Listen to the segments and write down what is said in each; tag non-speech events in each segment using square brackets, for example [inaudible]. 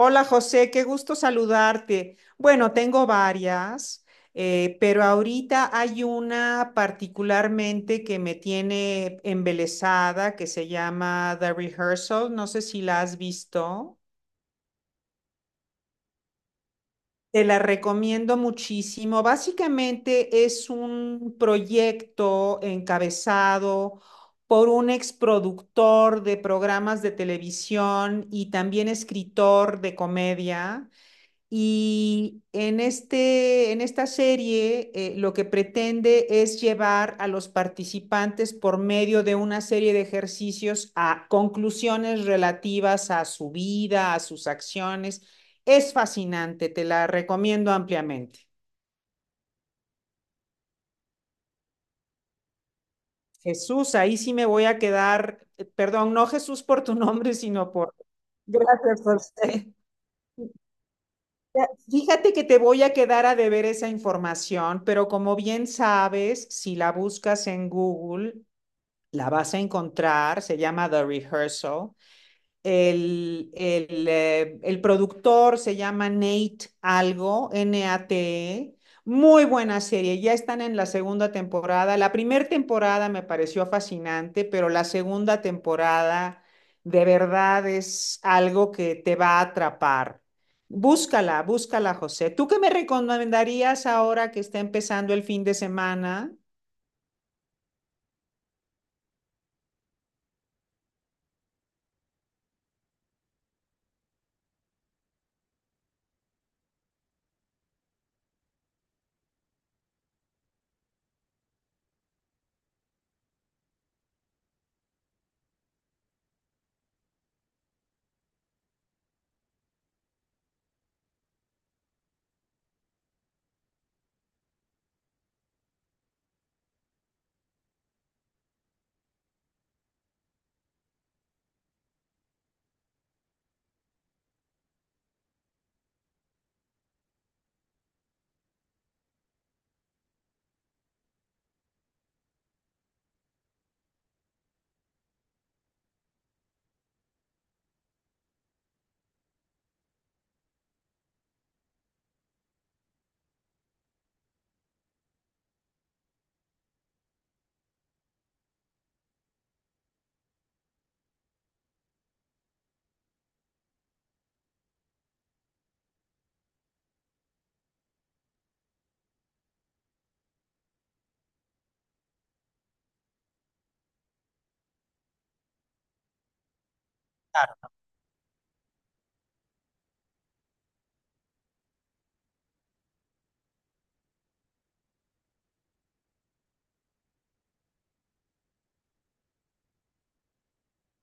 Hola José, qué gusto saludarte. Bueno, tengo varias, pero ahorita hay una particularmente que me tiene embelesada que se llama The Rehearsal. No sé si la has visto. Te la recomiendo muchísimo. Básicamente es un proyecto encabezado por un exproductor de programas de televisión y también escritor de comedia. Y en en esta serie, lo que pretende es llevar a los participantes por medio de una serie de ejercicios a conclusiones relativas a su vida, a sus acciones. Es fascinante, te la recomiendo ampliamente. Jesús, ahí sí me voy a quedar, perdón, no Jesús por tu nombre, sino por... [laughs] Gracias, José. Ya, fíjate que te voy a quedar a deber esa información, pero como bien sabes, si la buscas en Google, la vas a encontrar. Se llama The Rehearsal. El productor se llama Nate Algo, Nate. Muy buena serie, ya están en la segunda temporada. La primera temporada me pareció fascinante, pero la segunda temporada de verdad es algo que te va a atrapar. Búscala, búscala, José. ¿Tú qué me recomendarías ahora que está empezando el fin de semana?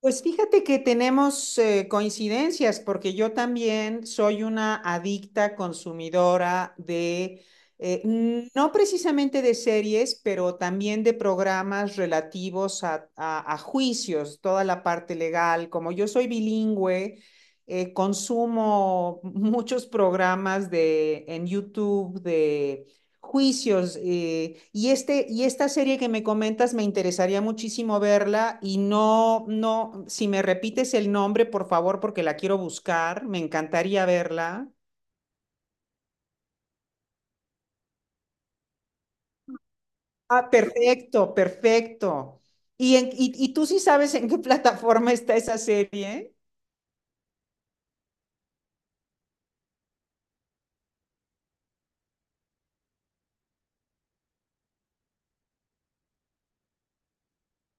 Pues fíjate que tenemos coincidencias, porque yo también soy una adicta consumidora de, no precisamente de series, pero también de programas relativos a, a juicios, toda la parte legal. Como yo soy bilingüe, consumo muchos programas de, en YouTube juicios. Y, y esta serie que me comentas me interesaría muchísimo verla y no, no, si me repites el nombre, por favor, porque la quiero buscar, me encantaría verla. Ah, perfecto, perfecto. ¿Y, y tú sí sabes en qué [laughs] plataforma está esa serie?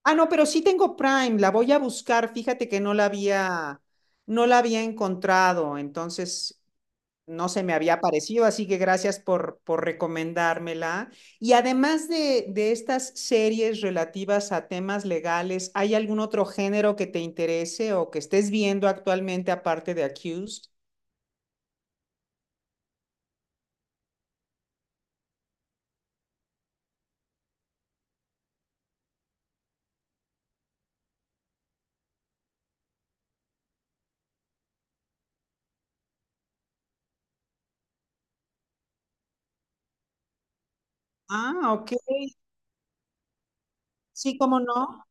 Ah, no, pero sí tengo Prime, la voy a buscar. Fíjate que no la había, no la había encontrado, entonces no se me había parecido, así que gracias por recomendármela. Y además de estas series relativas a temas legales, ¿hay algún otro género que te interese o que estés viendo actualmente aparte de Accused? Ah, ok. Sí, cómo no.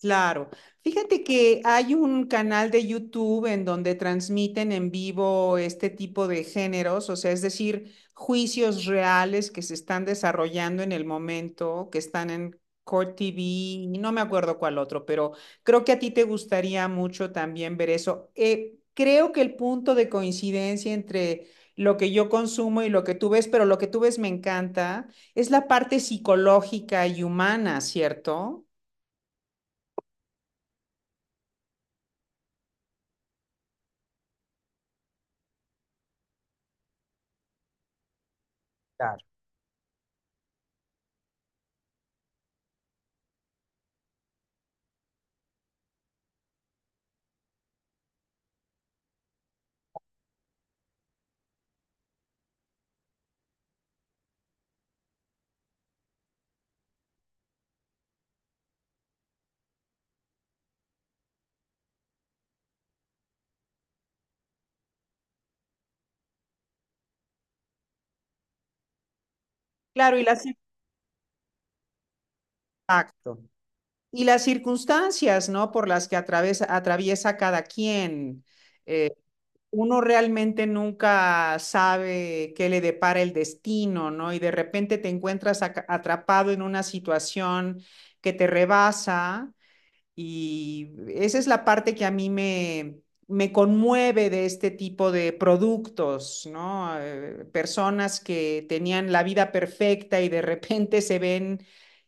Claro. Fíjate que hay un canal de YouTube en donde transmiten en vivo este tipo de géneros, o sea, es decir, juicios reales que se están desarrollando en el momento, que están en Court TV, y no me acuerdo cuál otro, pero creo que a ti te gustaría mucho también ver eso. Creo que el punto de coincidencia entre lo que yo consumo y lo que tú ves, pero lo que tú ves me encanta, es la parte psicológica y humana, ¿cierto? Claro, y las. Exacto. Y las circunstancias, ¿no? Por las que atraviesa, atraviesa cada quien. Eh, Uno realmente nunca sabe qué le depara el destino, ¿no? Y de repente te encuentras atrapado en una situación que te rebasa, y esa es la parte que a mí me conmueve de este tipo de productos, ¿no? Personas que tenían la vida perfecta y de repente se ven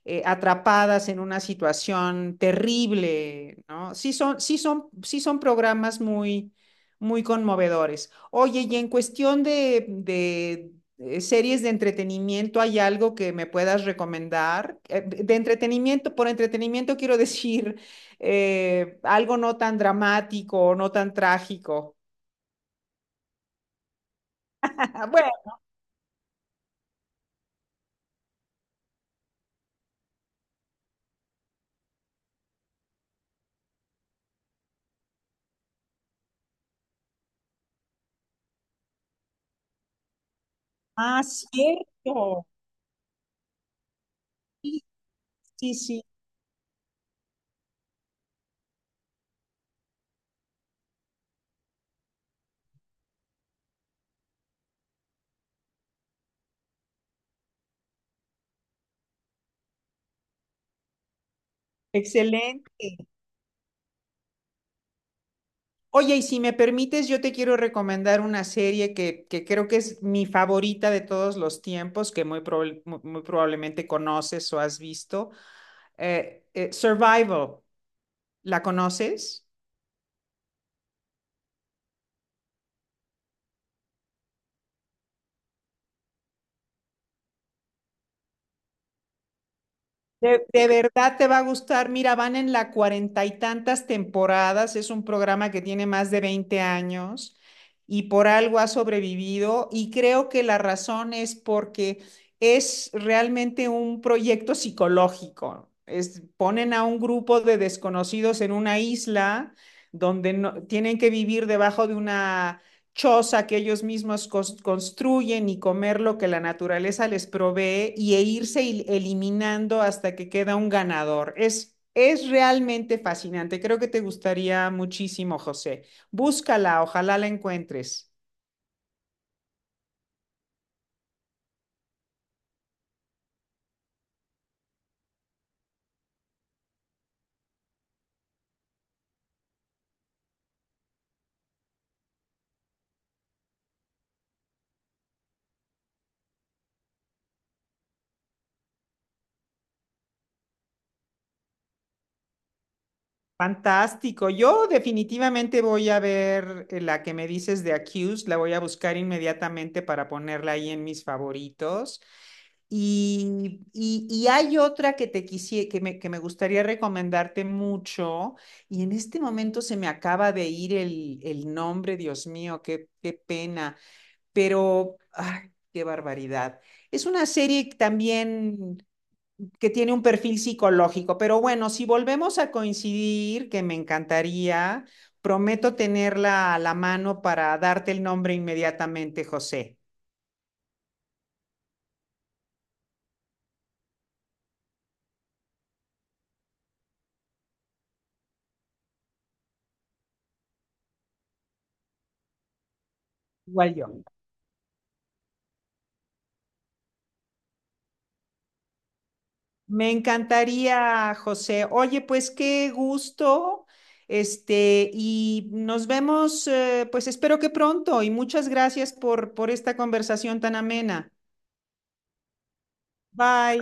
atrapadas en una situación terrible, ¿no? Sí son, sí son, sí son programas muy, muy conmovedores. Oye, y en cuestión de, series de entretenimiento, ¿hay algo que me puedas recomendar? De entretenimiento, por entretenimiento quiero [laughs] decir algo no tan dramático, o no tan trágico. [laughs] Bueno, ah, cierto. Sí, sí, sí, excelente. Oye, y si me permites, yo te quiero recomendar una serie que creo que es mi favorita de todos los tiempos, que muy, muy probablemente conoces o has visto. Survival, ¿la conoces? De verdad te va a gustar. Mira, van en la 40 y tantas temporadas. Es un programa que tiene más de 20 años y por algo ha sobrevivido. Y creo que la razón es porque es realmente un proyecto psicológico. Es, ponen a un grupo de desconocidos en una isla donde no, tienen que vivir debajo de una choza que ellos mismos construyen y comer lo que la naturaleza les provee y e irse eliminando hasta que queda un ganador. Es realmente fascinante. Creo que te gustaría muchísimo, José. Búscala, ojalá la encuentres. Fantástico. Yo definitivamente voy a ver la que me dices de Accused, la voy a buscar inmediatamente para ponerla ahí en mis favoritos. Y, y hay otra que te que me gustaría recomendarte mucho, y en este momento se me acaba de ir el nombre, Dios mío, qué, qué pena, pero ay, qué barbaridad. Es una serie también que tiene un perfil psicológico, pero bueno, si volvemos a coincidir, que me encantaría, prometo tenerla a la mano para darte el nombre inmediatamente, José. Igual yo. Me encantaría, José. Oye, pues qué gusto. Y nos vemos, pues espero que pronto. Y muchas gracias por esta conversación tan amena. Bye.